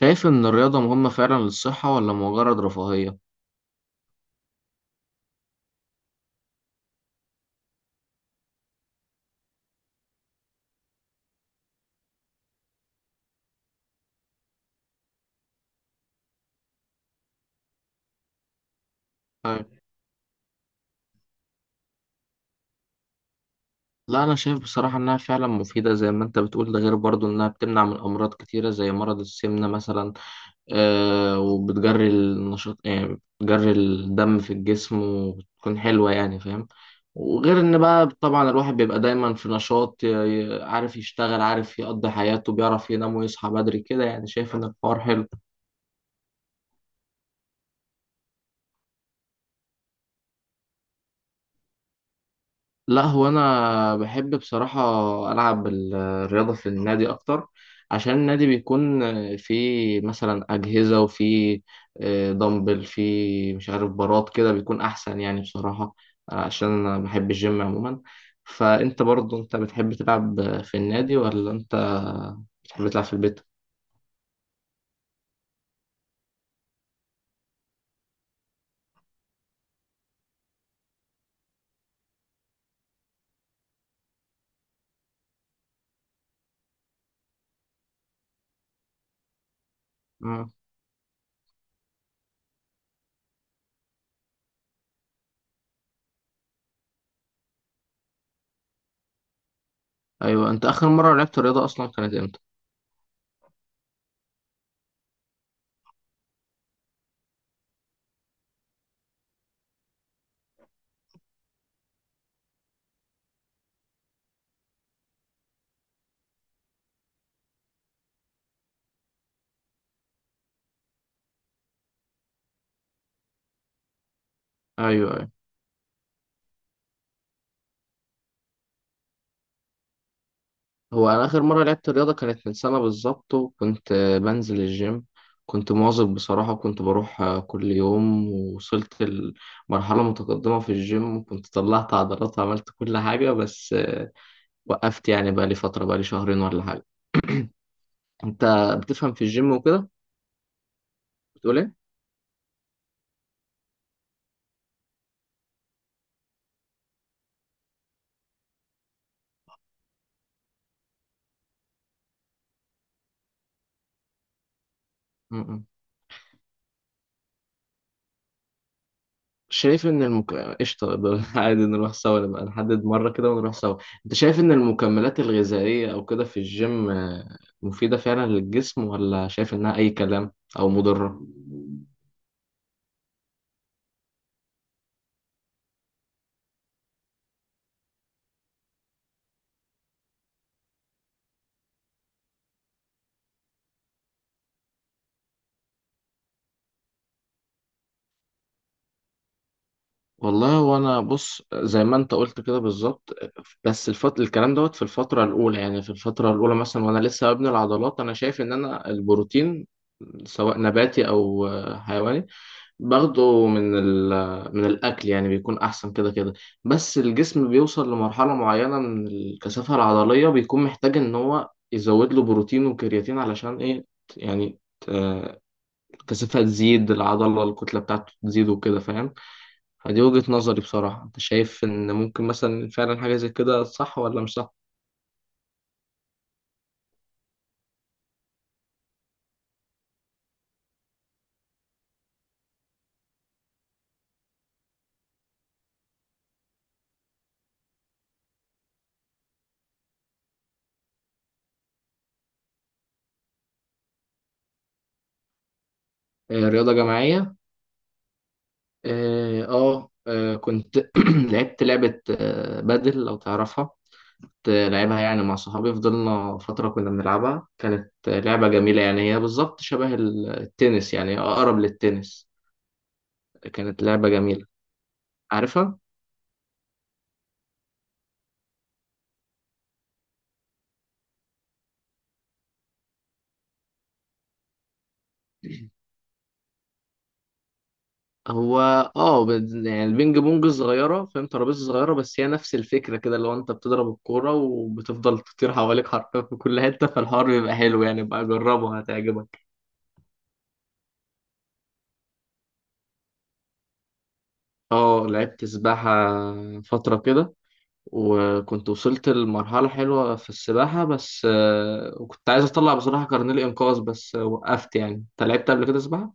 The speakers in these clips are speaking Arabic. شايف إن الرياضة مهمة فعلا للصحة ولا مجرد رفاهية؟ طيب. لا، أنا شايف بصراحة إنها فعلا مفيدة زي ما أنت بتقول، ده غير برضو إنها بتمنع من أمراض كتيرة زي مرض السمنة مثلا. وبتجري النشاط، يعني بتجري الدم في الجسم وبتكون حلوة، يعني فاهم؟ وغير إن بقى طبعا الواحد بيبقى دايما في نشاط، عارف يشتغل، عارف يقضي حياته، بيعرف ينام ويصحى بدري كده، يعني شايف إن الحوار حلو. لا، هو انا بحب بصراحه العب الرياضه في النادي اكتر، عشان النادي بيكون فيه مثلا اجهزه، وفيه دمبل، فيه مش عارف براد كده بيكون احسن يعني بصراحه، عشان انا بحب الجيم عموما. فانت برضو انت بتحب تلعب في النادي ولا انت بتحب تلعب في البيت؟ مم. ايوه، انت اخر مره لعبت رياضه اصلا كانت امتى؟ ايوه أيوة. هو أنا آخر مرة لعبت رياضة كانت من سنة بالظبط، وكنت بنزل الجيم. كنت مواظب بصراحة، وكنت بروح كل يوم، ووصلت لمرحلة متقدمة في الجيم، وكنت طلعت عضلات وعملت كل حاجة. بس وقفت يعني، بقالي فترة، بقالي شهرين ولا حاجة. أنت بتفهم في الجيم وكده؟ بتقول إيه؟ م- م. شايف ان المك... قشطة، ده عادي، نروح سوا، نبقى نحدد مرة كده ونروح سوا. انت شايف ان المكملات الغذائية او كده في الجيم مفيدة فعلا للجسم ولا شايف انها اي كلام او مضرة؟ والله وانا بص زي ما انت قلت كده بالظبط، بس الكلام دوت في الفترة الاولى، يعني في الفترة الاولى مثلا وانا لسه ببني العضلات، انا شايف ان انا البروتين سواء نباتي او حيواني باخده من الأكل، يعني بيكون أحسن كده كده. بس الجسم بيوصل لمرحلة معينة من الكثافة العضلية، بيكون محتاج إن هو يزود له بروتين وكرياتين، علشان إيه يعني، آه، الكثافة تزيد، العضلة الكتلة بتاعته تزيد وكده فاهم. فدي وجهة نظري بصراحة. أنت شايف إن ممكن مثلا فعلا حاجة زي كده صح ولا مش صح؟ آه، رياضة جماعية. كنت لعبت لعبة بادل، لو تعرفها. لعبها يعني مع صحابي، فضلنا فترة كنا بنلعبها، كانت لعبة جميلة، يعني هي بالظبط شبه التنس، يعني أقرب للتنس. كانت لعبة جميلة، عارفها؟ هو يعني البينج بونج صغيرة فاهم، ترابيزة صغيرة، بس هي نفس الفكرة كده، اللي هو انت بتضرب الكورة وبتفضل تطير حواليك حرفيا في كل حتة، فالحوار بيبقى حلو، يعني بقى جربه هتعجبك. اه لعبت سباحة فترة كده، وكنت وصلت لمرحلة حلوة في السباحة، بس وكنت عايز أطلع بصراحة كارنيه الإنقاذ، بس وقفت يعني. أنت لعبت قبل كده سباحة؟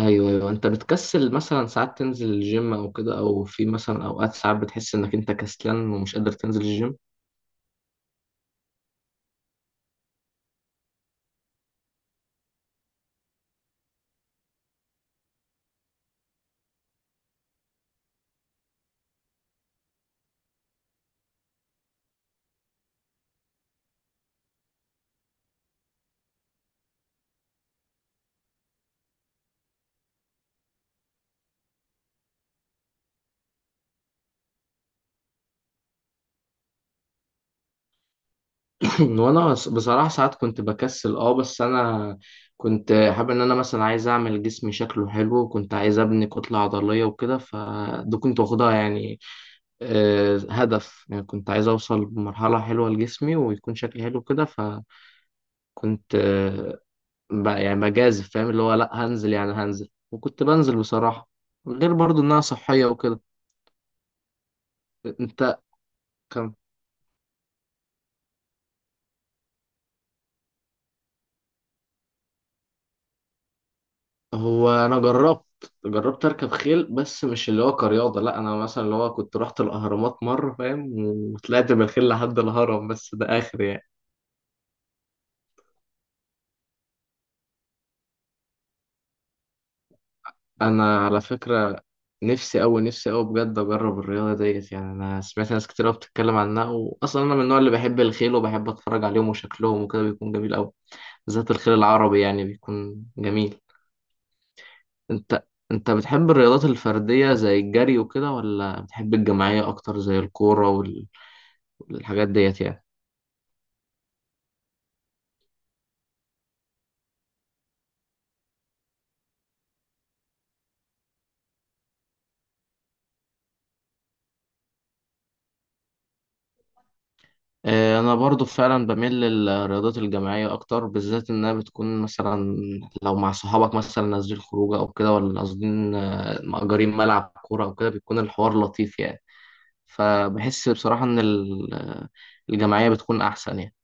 أيوه أيوه، أنت بتكسل مثلا ساعات تنزل الجيم أو كده، أو في مثلا أوقات ساعات بتحس إنك أنت كسلان ومش قادر تنزل الجيم؟ وانا بصراحة ساعات كنت بكسل، بس انا كنت حابب ان انا مثلا عايز اعمل جسمي شكله حلو، وكنت عايز ابني كتلة عضلية وكده، فده كنت واخدها يعني هدف، يعني كنت عايز اوصل بمرحلة حلوة لجسمي ويكون شكلي حلو كده، فكنت آه، يعني بجازف فاهم، اللي هو لا هنزل، يعني هنزل، وكنت بنزل بصراحة، غير برضو انها صحية وكده. انت هو انا جربت، اركب خيل، بس مش اللي هو كرياضه. لا انا مثلا اللي هو كنت رحت الاهرامات مره فاهم، وطلعت بالخيل لحد الهرم، بس ده اخر يعني. انا على فكره، نفسي أوي نفسي أوي بجد اجرب الرياضه ديت، يعني انا سمعت ناس كتير أوي بتتكلم عنها، واصلا انا من النوع اللي بحب الخيل، وبحب اتفرج عليهم وشكلهم وكده بيكون جميل أوي، بالذات الخيل العربي يعني بيكون جميل. انت انت بتحب الرياضات الفرديه زي الجري وكده، ولا بتحب الجماعيه اكتر زي الكوره والحاجات ديت يعني؟ انا برضو فعلا بميل للرياضات الجماعيه اكتر، بالذات انها بتكون مثلا لو مع صحابك مثلا نازلين خروجه او كده، ولا قاصدين مأجرين ملعب كوره او كده بيكون الحوار لطيف يعني. فبحس بصراحه ان الجماعيه بتكون احسن يعني.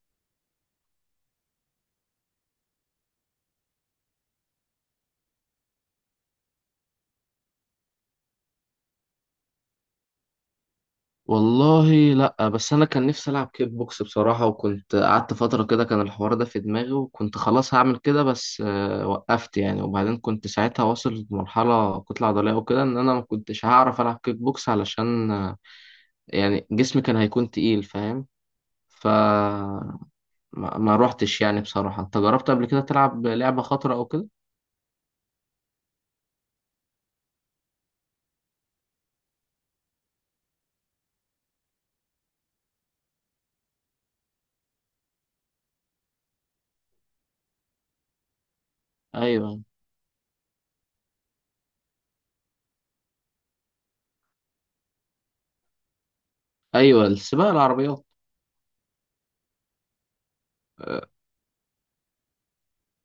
والله لا، بس انا كان نفسي العب كيك بوكس بصراحه، وكنت قعدت فتره كده كان الحوار ده في دماغي، وكنت خلاص هعمل كده، بس وقفت يعني. وبعدين كنت ساعتها واصل لمرحله كتله عضليه وكده، ان انا ما كنتش هعرف العب كيك بوكس علشان يعني جسمي كان هيكون تقيل فاهم. ف ما روحتش يعني بصراحه. انت جربت قبل كده تلعب لعبه خطره او كده؟ ايوه ايوه، السباق العربيات.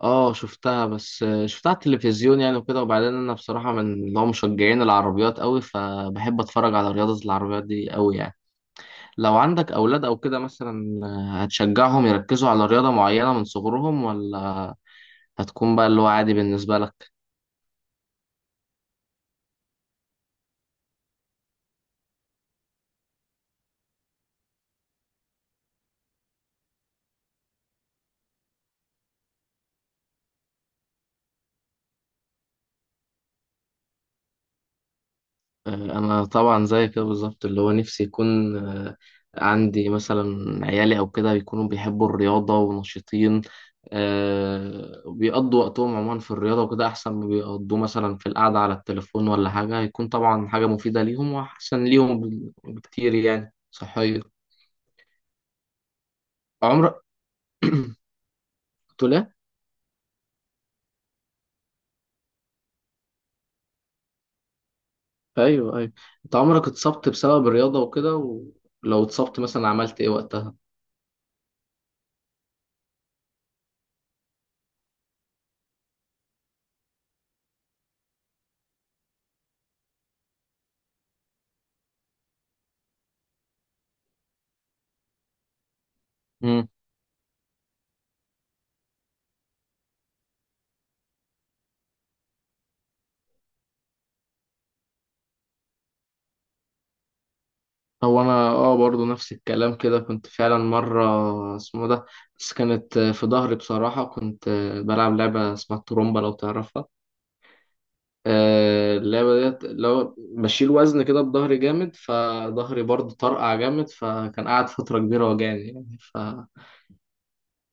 اه شفتها، بس شفتها على التلفزيون يعني وكده، وبعدين انا بصراحه من اللي هو مشجعين العربيات قوي، فبحب اتفرج على رياضه العربيات دي قوي يعني. لو عندك اولاد او كده مثلا هتشجعهم يركزوا على رياضه معينه من صغرهم، ولا هتكون بقى اللي هو عادي بالنسبه لك؟ انا طبعا زي كده بالظبط، اللي هو نفسي يكون عندي مثلا عيالي او كده يكونوا بيحبوا الرياضه ونشيطين، بيقضوا وقتهم عموما في الرياضه وكده احسن ما بيقضوا مثلا في القعده على التليفون ولا حاجه، هيكون طبعا حاجه مفيده ليهم واحسن ليهم بكتير، يعني صحيه. عمرك قلت له، ايوه ايوه، انت عمرك اتصبت بسبب الرياضه وكده، ولو اتصبت مثلا عملت ايه وقتها؟ هو انا برضو نفس الكلام كده، كنت فعلا مره اسمه ده، بس كانت في ظهري بصراحه، كنت بلعب لعبه اسمها الترومبا لو تعرفها. اللعبه ديت لو بشيل وزن كده بظهري جامد، فظهري برضو طرقع جامد، فكان قاعد فتره كبيره وجعني يعني.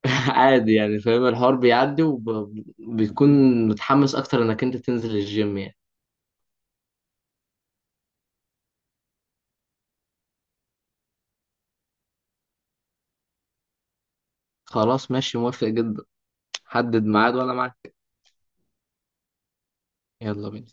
عادي يعني فاهم، الحوار بيعدي وبيكون متحمس اكتر انك انت تنزل الجيم يعني. خلاص ماشي، موافق جدا، حدد ميعاد وانا معاك. يلا بينا.